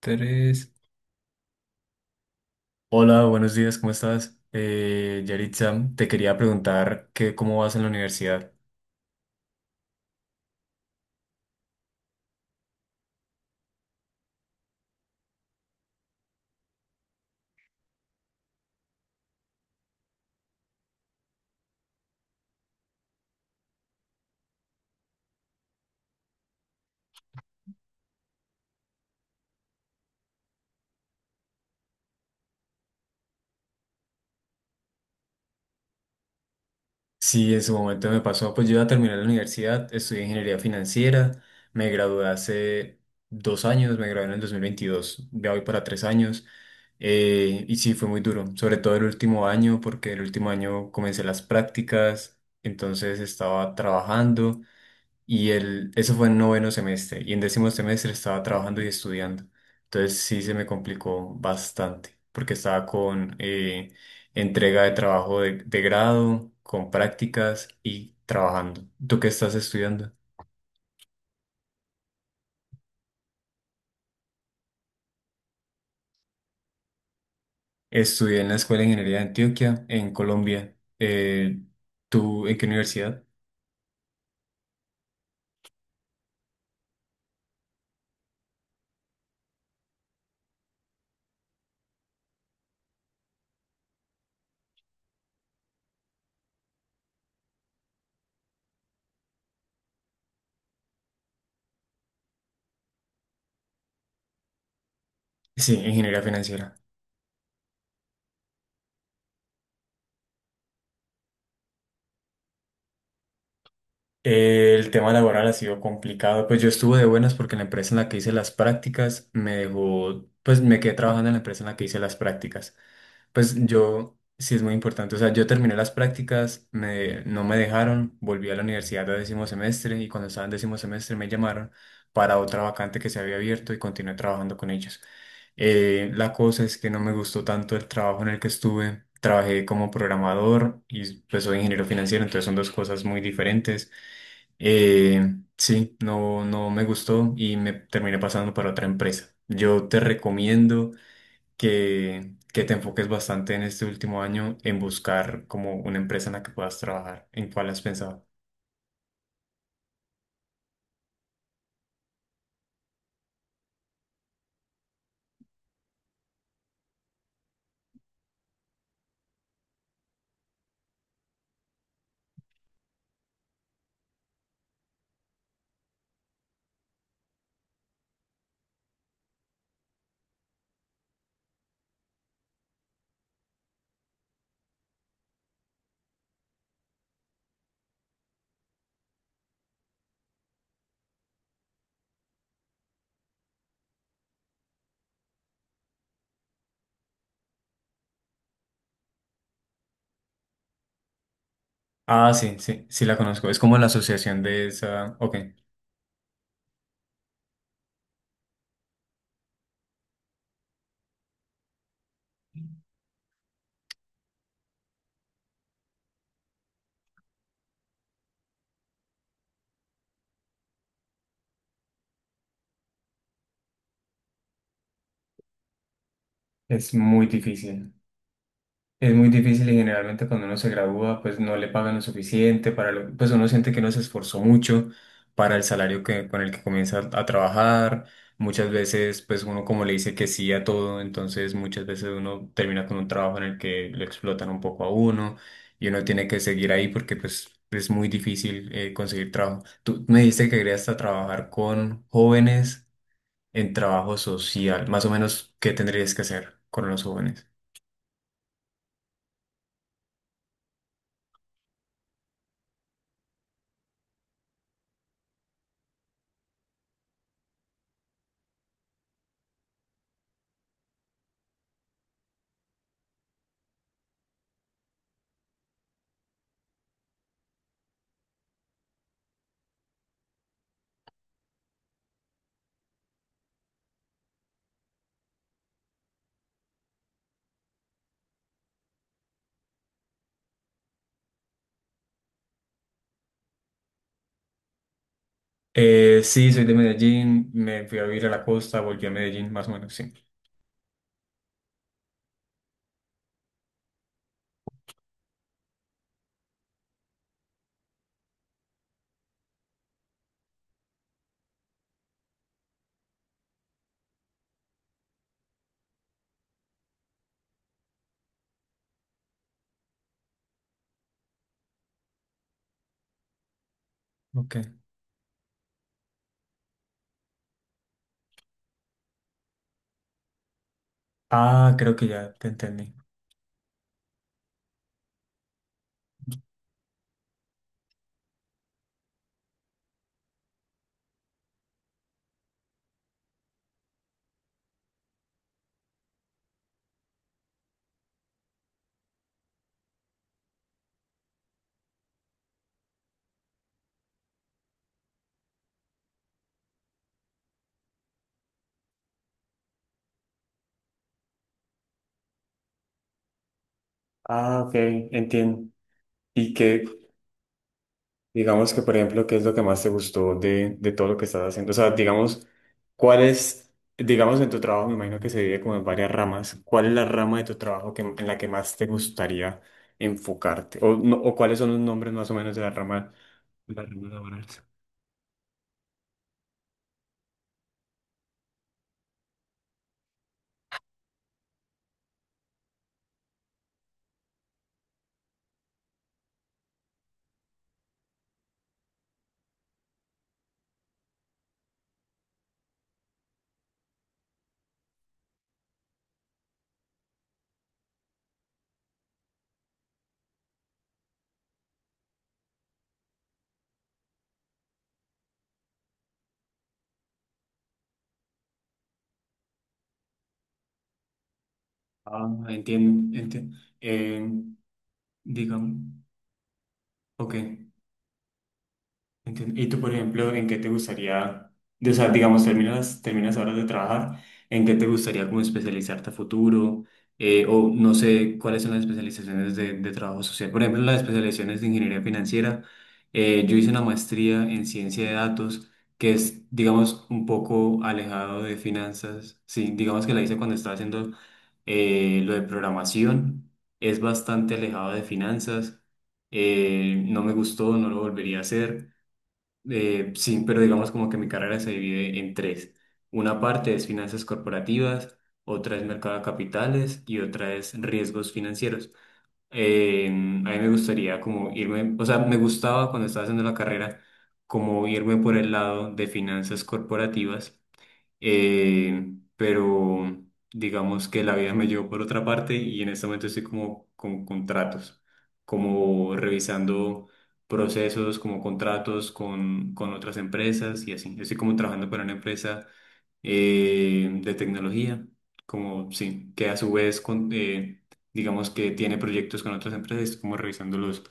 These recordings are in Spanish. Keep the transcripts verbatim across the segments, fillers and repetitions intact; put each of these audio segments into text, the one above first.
Tres. Hola, buenos días, ¿cómo estás? Eh, Yaritza, te quería preguntar que, cómo vas en la universidad. Sí, en su momento me pasó, pues yo ya terminé la universidad, estudié ingeniería financiera, me gradué hace dos años, me gradué en el dos mil veintidós, ya voy para tres años, eh, y sí, fue muy duro, sobre todo el último año, porque el último año comencé las prácticas, entonces estaba trabajando. Y el, eso fue en noveno semestre. Y en décimo semestre estaba trabajando y estudiando. Entonces sí se me complicó bastante, porque estaba con eh, entrega de trabajo de, de grado, con prácticas y trabajando. ¿Tú qué estás estudiando? Estudié en la Escuela de Ingeniería de Antioquia, en Colombia. Eh, ¿tú en qué universidad? Sí, ingeniería financiera. El tema laboral ha sido complicado. Pues yo estuve de buenas porque en la empresa en la que hice las prácticas me dejó, pues me quedé trabajando en la empresa en la que hice las prácticas. Pues yo, sí es muy importante. O sea, yo terminé las prácticas, me, no me dejaron, volví a la universidad de décimo semestre y cuando estaba en décimo semestre me llamaron para otra vacante que se había abierto y continué trabajando con ellos. Eh, la cosa es que no me gustó tanto el trabajo en el que estuve. Trabajé como programador y pues soy ingeniero financiero, entonces son dos cosas muy diferentes. Eh, sí, no, no me gustó y me terminé pasando para otra empresa. Yo te recomiendo que, que te enfoques bastante en este último año en buscar como una empresa en la que puedas trabajar. ¿En cuál has pensado? Ah, sí, sí, sí la conozco. Es como la asociación de esa. Ok, es muy difícil. Es muy difícil y generalmente cuando uno se gradúa, pues no le pagan lo suficiente para lo, pues uno siente que no se esforzó mucho para el salario que, con el que comienza a trabajar. Muchas veces, pues uno como le dice que sí a todo, entonces muchas veces uno termina con un trabajo en el que lo explotan un poco a uno y uno tiene que seguir ahí porque pues es muy difícil eh, conseguir trabajo. Tú me dijiste que querías hasta trabajar con jóvenes en trabajo social, más o menos, ¿qué tendrías que hacer con los jóvenes? Eh, sí, soy de Medellín, me fui a vivir a la costa, volví a Medellín, más o menos, sí. Ok. Ah, creo que ya te entendí. Ah, ok, entiendo. Y que, digamos que, por ejemplo, ¿qué es lo que más te gustó de, de todo lo que estás haciendo? O sea, digamos, ¿cuál es, digamos, en tu trabajo, me imagino que se divide como en varias ramas, ¿cuál es la rama de tu trabajo que, en la que más te gustaría enfocarte? O, no, o cuáles son los nombres más o menos de la rama, de la rama laboral? Ah, entiendo, entiendo. Eh, digamos. Ok. Entiendo. Y tú, por ejemplo, ¿en qué te gustaría, de- o sea, digamos, terminas, terminas ahora de trabajar, ¿en qué te gustaría como especializarte a futuro? Eh, o no sé cuáles son las especializaciones de, de trabajo social. Por ejemplo, las especializaciones de ingeniería financiera. Eh, yo hice una maestría en ciencia de datos, que es, digamos, un poco alejado de finanzas. Sí, digamos que la hice cuando estaba haciendo eh, lo de programación. Es bastante alejado de finanzas. eh, no me gustó, no lo volvería a hacer. Eh, sí, pero digamos como que mi carrera se divide en tres. Una parte es finanzas corporativas, otra es mercado de capitales y otra es riesgos financieros. Eh, a mí me gustaría como irme, o sea, me gustaba cuando estaba haciendo la carrera como irme por el lado de finanzas corporativas eh, pero digamos que la vida me llevó por otra parte y en este momento estoy como con contratos, como revisando procesos, como contratos con, con otras empresas y así. Yo estoy como trabajando para una empresa eh, de tecnología, como sí, que a su vez, con, eh, digamos que tiene proyectos con otras empresas, estoy como revisando los,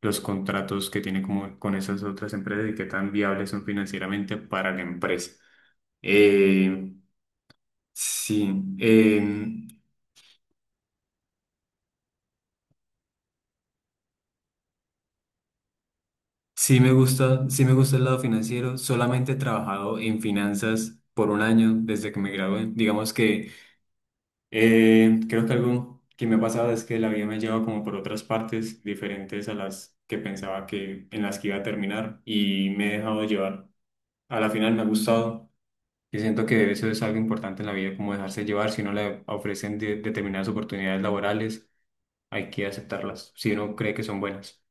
los contratos que tiene como con esas otras empresas y qué tan viables son financieramente para la empresa. Eh, Sí, em, sí me gusta, sí me gusta el lado financiero. Solamente he trabajado en finanzas por un año desde que me gradué. Digamos que eh, creo que algo que me ha pasado es que la vida me lleva como por otras partes diferentes a las que pensaba que en las que iba a terminar y me he dejado llevar. A la final me ha gustado y siento que eso es algo importante en la vida, como dejarse llevar. Si no le ofrecen de- determinadas oportunidades laborales, hay que aceptarlas si uno cree que son buenas.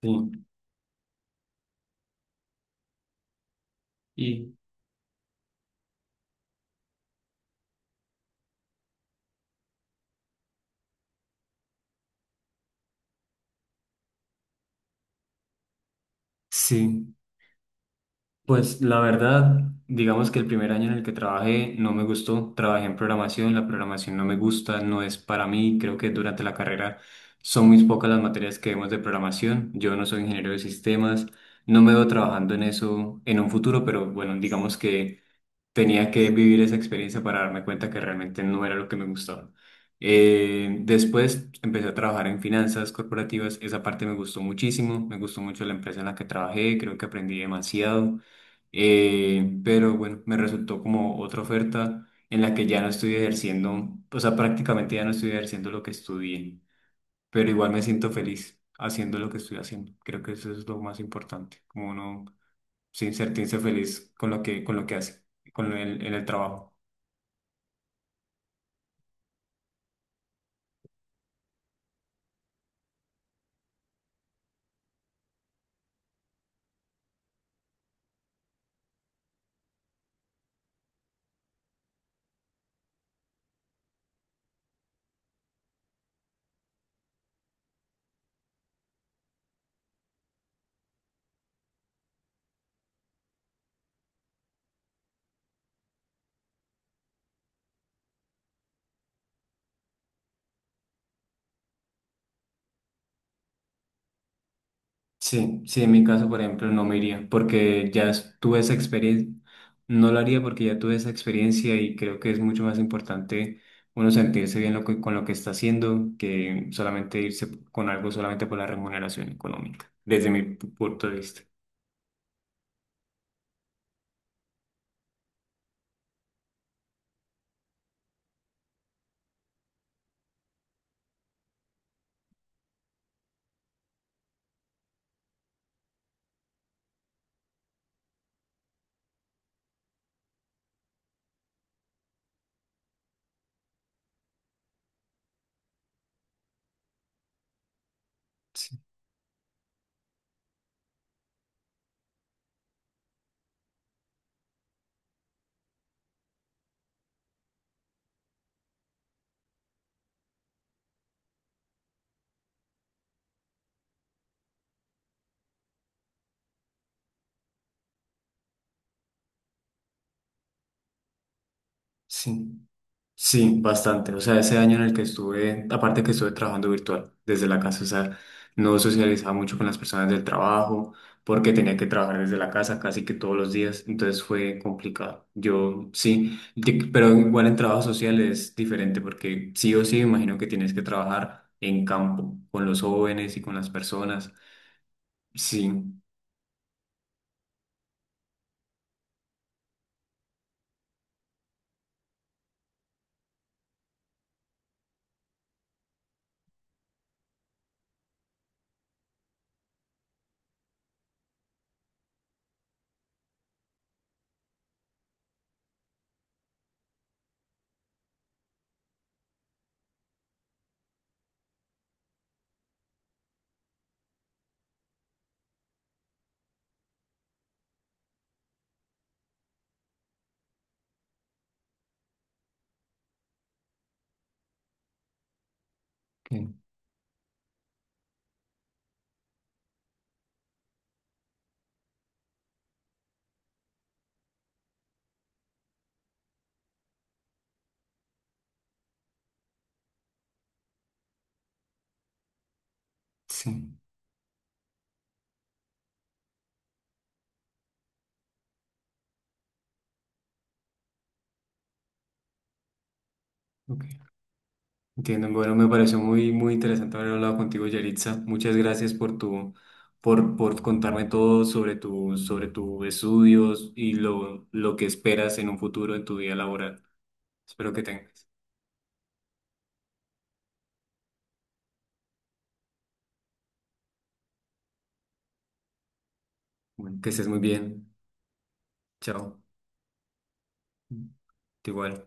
Sí. Y sí, pues la verdad, digamos que el primer año en el que trabajé no me gustó, trabajé en programación, la programación no me gusta, no es para mí, creo que durante la carrera son muy pocas las materias que vemos de programación, yo no soy ingeniero de sistemas, no me veo trabajando en eso en un futuro, pero bueno, digamos que tenía que vivir esa experiencia para darme cuenta que realmente no era lo que me gustaba. Eh, después empecé a trabajar en finanzas corporativas, esa parte me gustó muchísimo, me gustó mucho la empresa en la que trabajé, creo que aprendí demasiado. Eh, pero bueno, me resultó como otra oferta en la que ya no estoy ejerciendo, o sea, prácticamente ya no estoy ejerciendo lo que estudié, pero igual me siento feliz haciendo lo que estoy haciendo, creo que eso es lo más importante, como no sí, sentirse feliz con lo que, con lo que hace, con el, en el trabajo. Sí, sí, en mi caso, por ejemplo, no me iría, porque ya es- tuve esa experiencia, no lo haría porque ya tuve esa experiencia y creo que es mucho más importante uno sentirse bien lo que, con lo que está haciendo que solamente irse con algo solamente por la remuneración económica, desde mi pu- punto de vista. Sí. Sí, bastante. O sea, ese año en el que estuve, aparte que estuve trabajando virtual desde la casa, o sea, no socializaba mucho con las personas del trabajo porque tenía que trabajar desde la casa casi que todos los días, entonces fue complicado. Yo sí, di- pero igual en trabajo social es diferente porque sí o sí me imagino que tienes que trabajar en campo con los jóvenes y con las personas. Sí, ok, sí, ok. Entiendo. Bueno, me pareció muy, muy interesante haber hablado contigo, Yaritza. Muchas gracias por tu, por, por contarme todo sobre tu, sobre tus estudios y lo, lo que esperas en un futuro en tu vida laboral. Espero que tengas. Bueno, que estés muy bien. Chao. Igual.